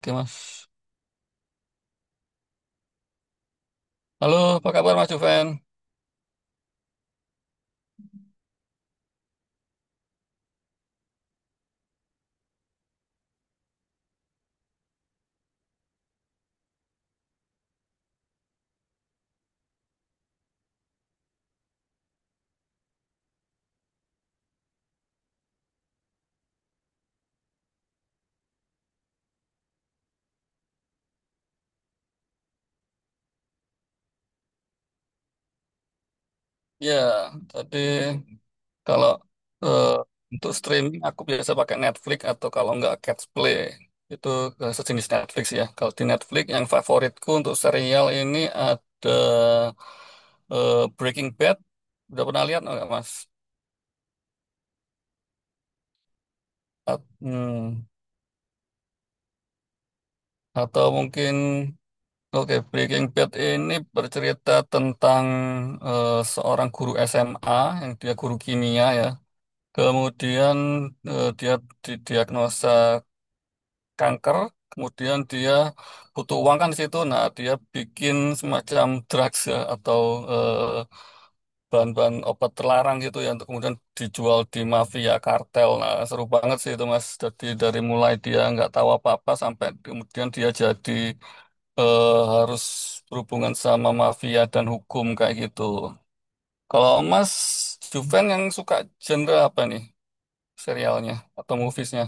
Oke, Mas. Halo, apa kabar Mas Juven? Ya, tadi kalau eh, untuk streaming aku biasa pakai Netflix atau kalau nggak Catch Play. Itu sejenis Netflix, ya. Kalau di Netflix yang favoritku untuk serial ini ada eh, Breaking Bad. Udah pernah lihat nggak, Mas? At- hmm, Atau mungkin Oke, Breaking Bad ini bercerita tentang seorang guru SMA yang dia guru kimia, ya. Kemudian dia didiagnosa kanker, kemudian dia butuh uang kan di situ. Nah, dia bikin semacam drugs, ya, atau eh, bahan-bahan obat terlarang gitu ya untuk kemudian dijual di mafia kartel. Nah, seru banget sih itu, Mas. Jadi dari mulai dia nggak tahu apa-apa sampai kemudian dia jadi harus berhubungan sama mafia dan hukum kayak gitu. Kalau Mas Juven yang suka genre apa nih, serialnya atau moviesnya?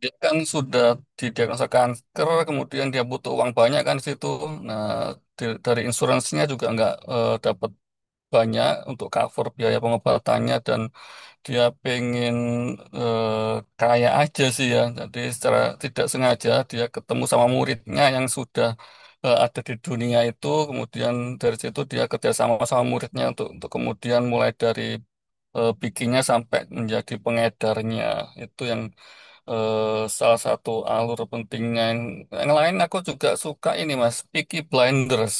Dia kan sudah didiagnosa kanker, kemudian dia butuh uang banyak kan di situ. Nah, dari insuransinya juga nggak dapat banyak untuk cover biaya pengobatannya, dan dia pengen eh, kaya aja sih ya. Jadi secara tidak sengaja dia ketemu sama muridnya yang sudah ada di dunia itu. Kemudian dari situ dia kerjasama sama muridnya untuk kemudian mulai dari bikinnya sampai menjadi pengedarnya. Itu yang eh, salah satu alur pentingnya. Yang lain aku juga suka ini Mas, Peaky Blinders.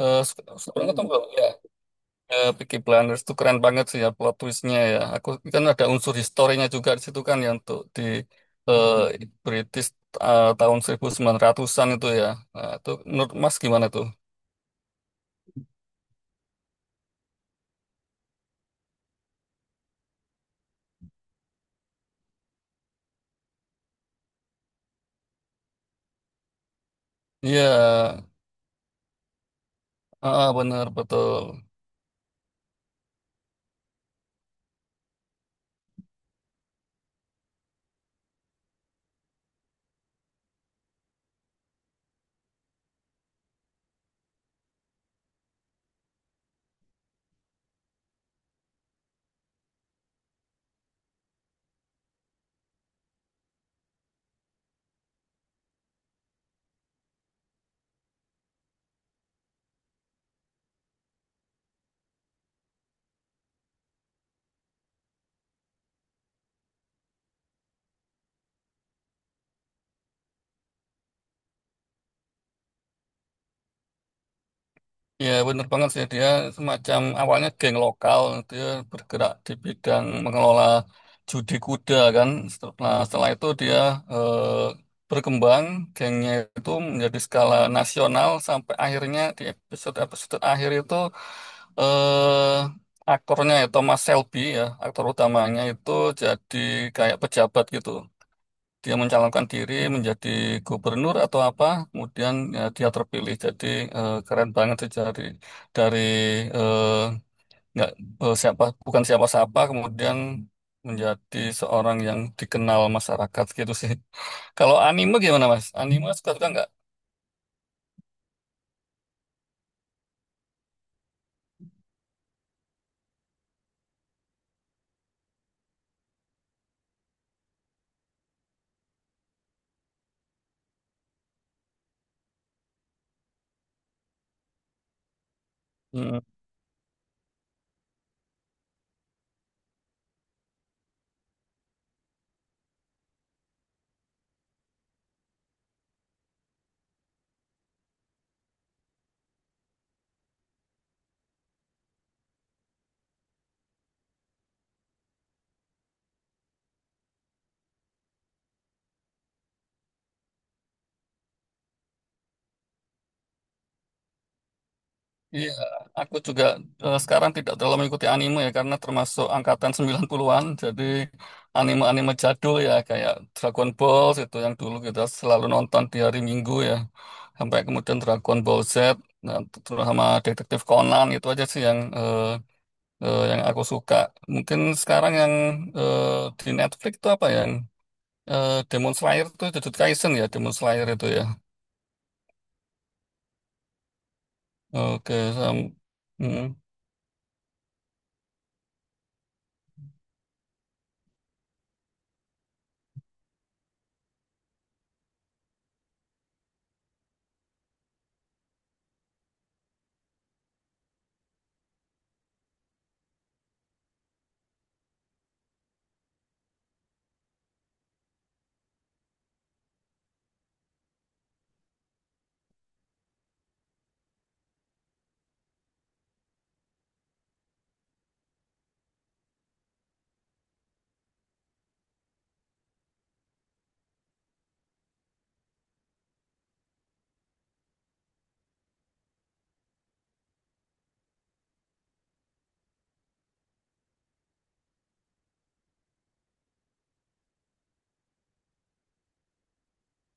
Eh, suka, suka nonton, Bang? Ya. Eh, Peaky Blinders tuh keren banget sih ya plot twistnya ya. Aku kan ada unsur historinya juga di situ kan yang untuk di eh, British tahun ratusan an itu ya. Nah, itu menurut Mas gimana tuh? Iya, ah, bener betul. Ya, bener banget sih. Dia semacam awalnya geng lokal. Dia bergerak di bidang mengelola judi kuda kan. Setelah itu dia eh, berkembang. Gengnya itu menjadi skala nasional sampai akhirnya di episode-episode akhir itu eh aktornya ya Thomas Shelby ya, aktor utamanya itu jadi kayak pejabat gitu, dia mencalonkan diri menjadi gubernur atau apa, kemudian ya, dia terpilih. Jadi keren banget sih dari dari eh, nggak siapa bukan siapa-siapa, kemudian menjadi seorang yang dikenal masyarakat gitu sih. Kalau anime gimana Mas? Anime suka-suka nggak? Iya, aku juga sekarang tidak terlalu mengikuti anime ya karena termasuk angkatan 90-an. Jadi anime-anime jadul ya kayak Dragon Ball itu yang dulu kita selalu nonton di hari Minggu ya. Sampai kemudian Dragon Ball Z, nah, terus sama Detektif Conan itu aja sih yang aku suka. Mungkin sekarang yang eh, di Netflix itu apa ya? Yang Demon Slayer itu Jujutsu Kaisen ya, Demon Slayer itu ya. Oke, sam- mm.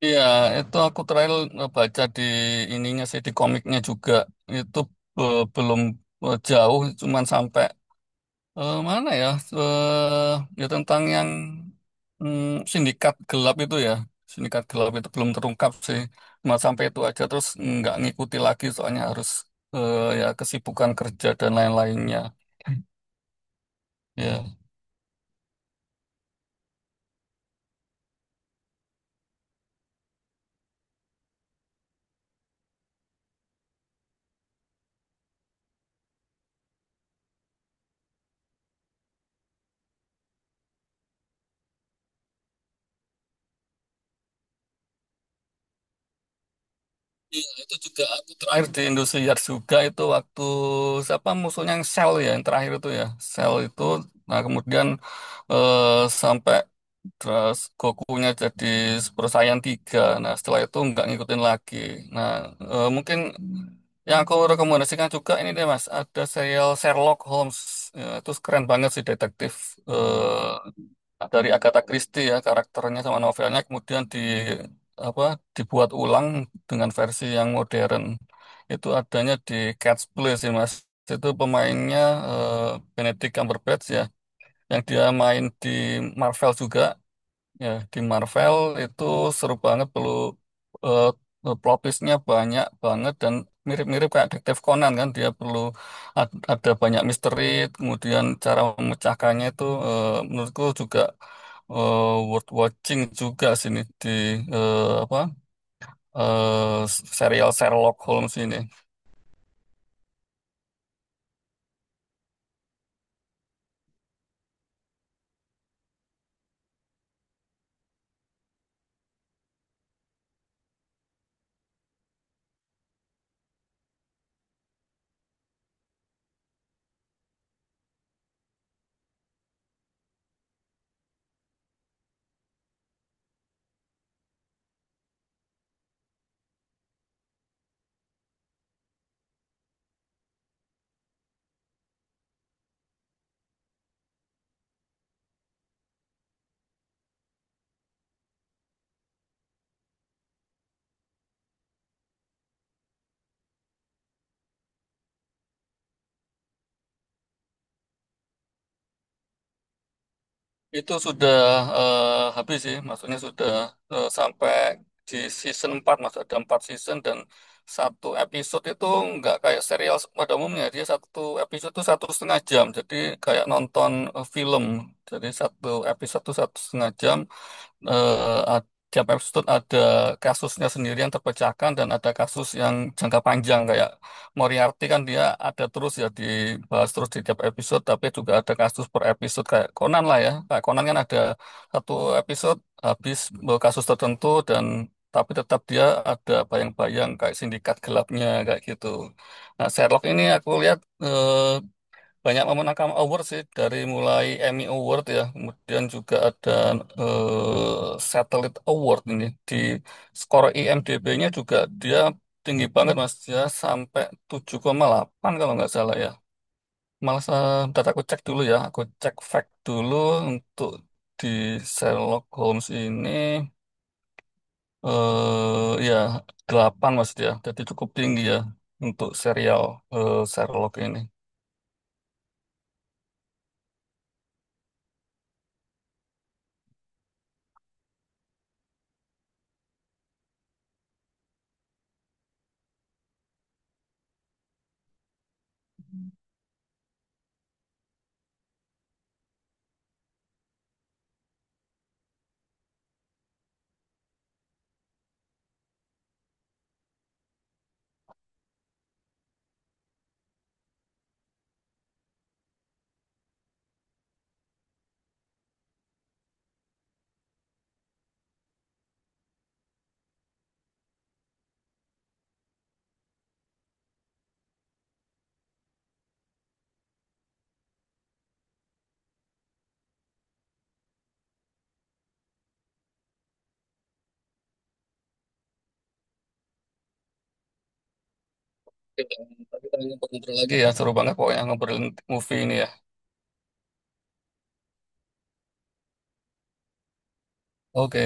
Iya, itu aku terakhir baca di ininya sih, di komiknya juga itu belum jauh, cuman sampai eh, mana ya? Ya tentang yang sindikat gelap itu ya, sindikat gelap itu belum terungkap sih, cuma sampai itu aja terus nggak ngikuti lagi soalnya harus ya kesibukan kerja dan lain-lainnya. Ya. Iya, itu juga aku terakhir di Indosiar juga itu waktu siapa musuhnya yang Shell ya yang terakhir itu ya, Shell itu, nah, kemudian eh, sampai terus Gokunya jadi Super Saiyan 3. Nah setelah itu nggak ngikutin lagi. Nah, mungkin yang aku rekomendasikan juga ini deh Mas, ada serial Sherlock Holmes. Ya, itu keren banget sih, detektif eh, dari Agatha Christie ya karakternya sama novelnya, kemudian di apa dibuat ulang dengan versi yang modern. Itu adanya di Cat's Play sih mas, itu pemainnya eh, Benedict Cumberbatch ya, yang dia main di Marvel juga. Ya, di Marvel itu seru banget, perlu eh plot twist-nya banyak banget, dan mirip-mirip kayak Detektif Conan kan, dia perlu ada banyak misteri kemudian cara memecahkannya itu, eh, menurutku juga eh, worth watching juga sini di eh, apa eh, serial Sherlock Holmes ini. Itu sudah eh, habis sih, maksudnya sudah sampai di season 4, maksud ada 4 season, dan satu episode itu nggak kayak serial pada umumnya, dia satu episode itu satu setengah jam, jadi kayak nonton film, jadi satu episode itu satu setengah jam. eh, Tiap episode ada kasusnya sendiri yang terpecahkan dan ada kasus yang jangka panjang kayak Moriarty kan dia ada terus ya, dibahas terus di tiap episode, tapi juga ada kasus per episode kayak Conan lah ya, kayak Conan kan ada satu episode habis kasus tertentu dan tapi tetap dia ada bayang-bayang kayak sindikat gelapnya kayak gitu. Nah Sherlock ini aku lihat eh, banyak memenangkan award sih dari mulai Emmy Award ya, kemudian juga ada Satellite Award, ini di skor IMDb-nya juga dia tinggi banget Mas ya, sampai 7,8 kalau nggak salah ya. Malah bentar aku cek dulu ya, aku cek fact dulu untuk di Sherlock Holmes ini, ya 8 Mas dia. Jadi cukup tinggi ya untuk serial Sherlock ini. Oke, Bang. Nanti kita ngobrol lagi ya, seru banget pokoknya ngobrolin movie ini ya. Oke.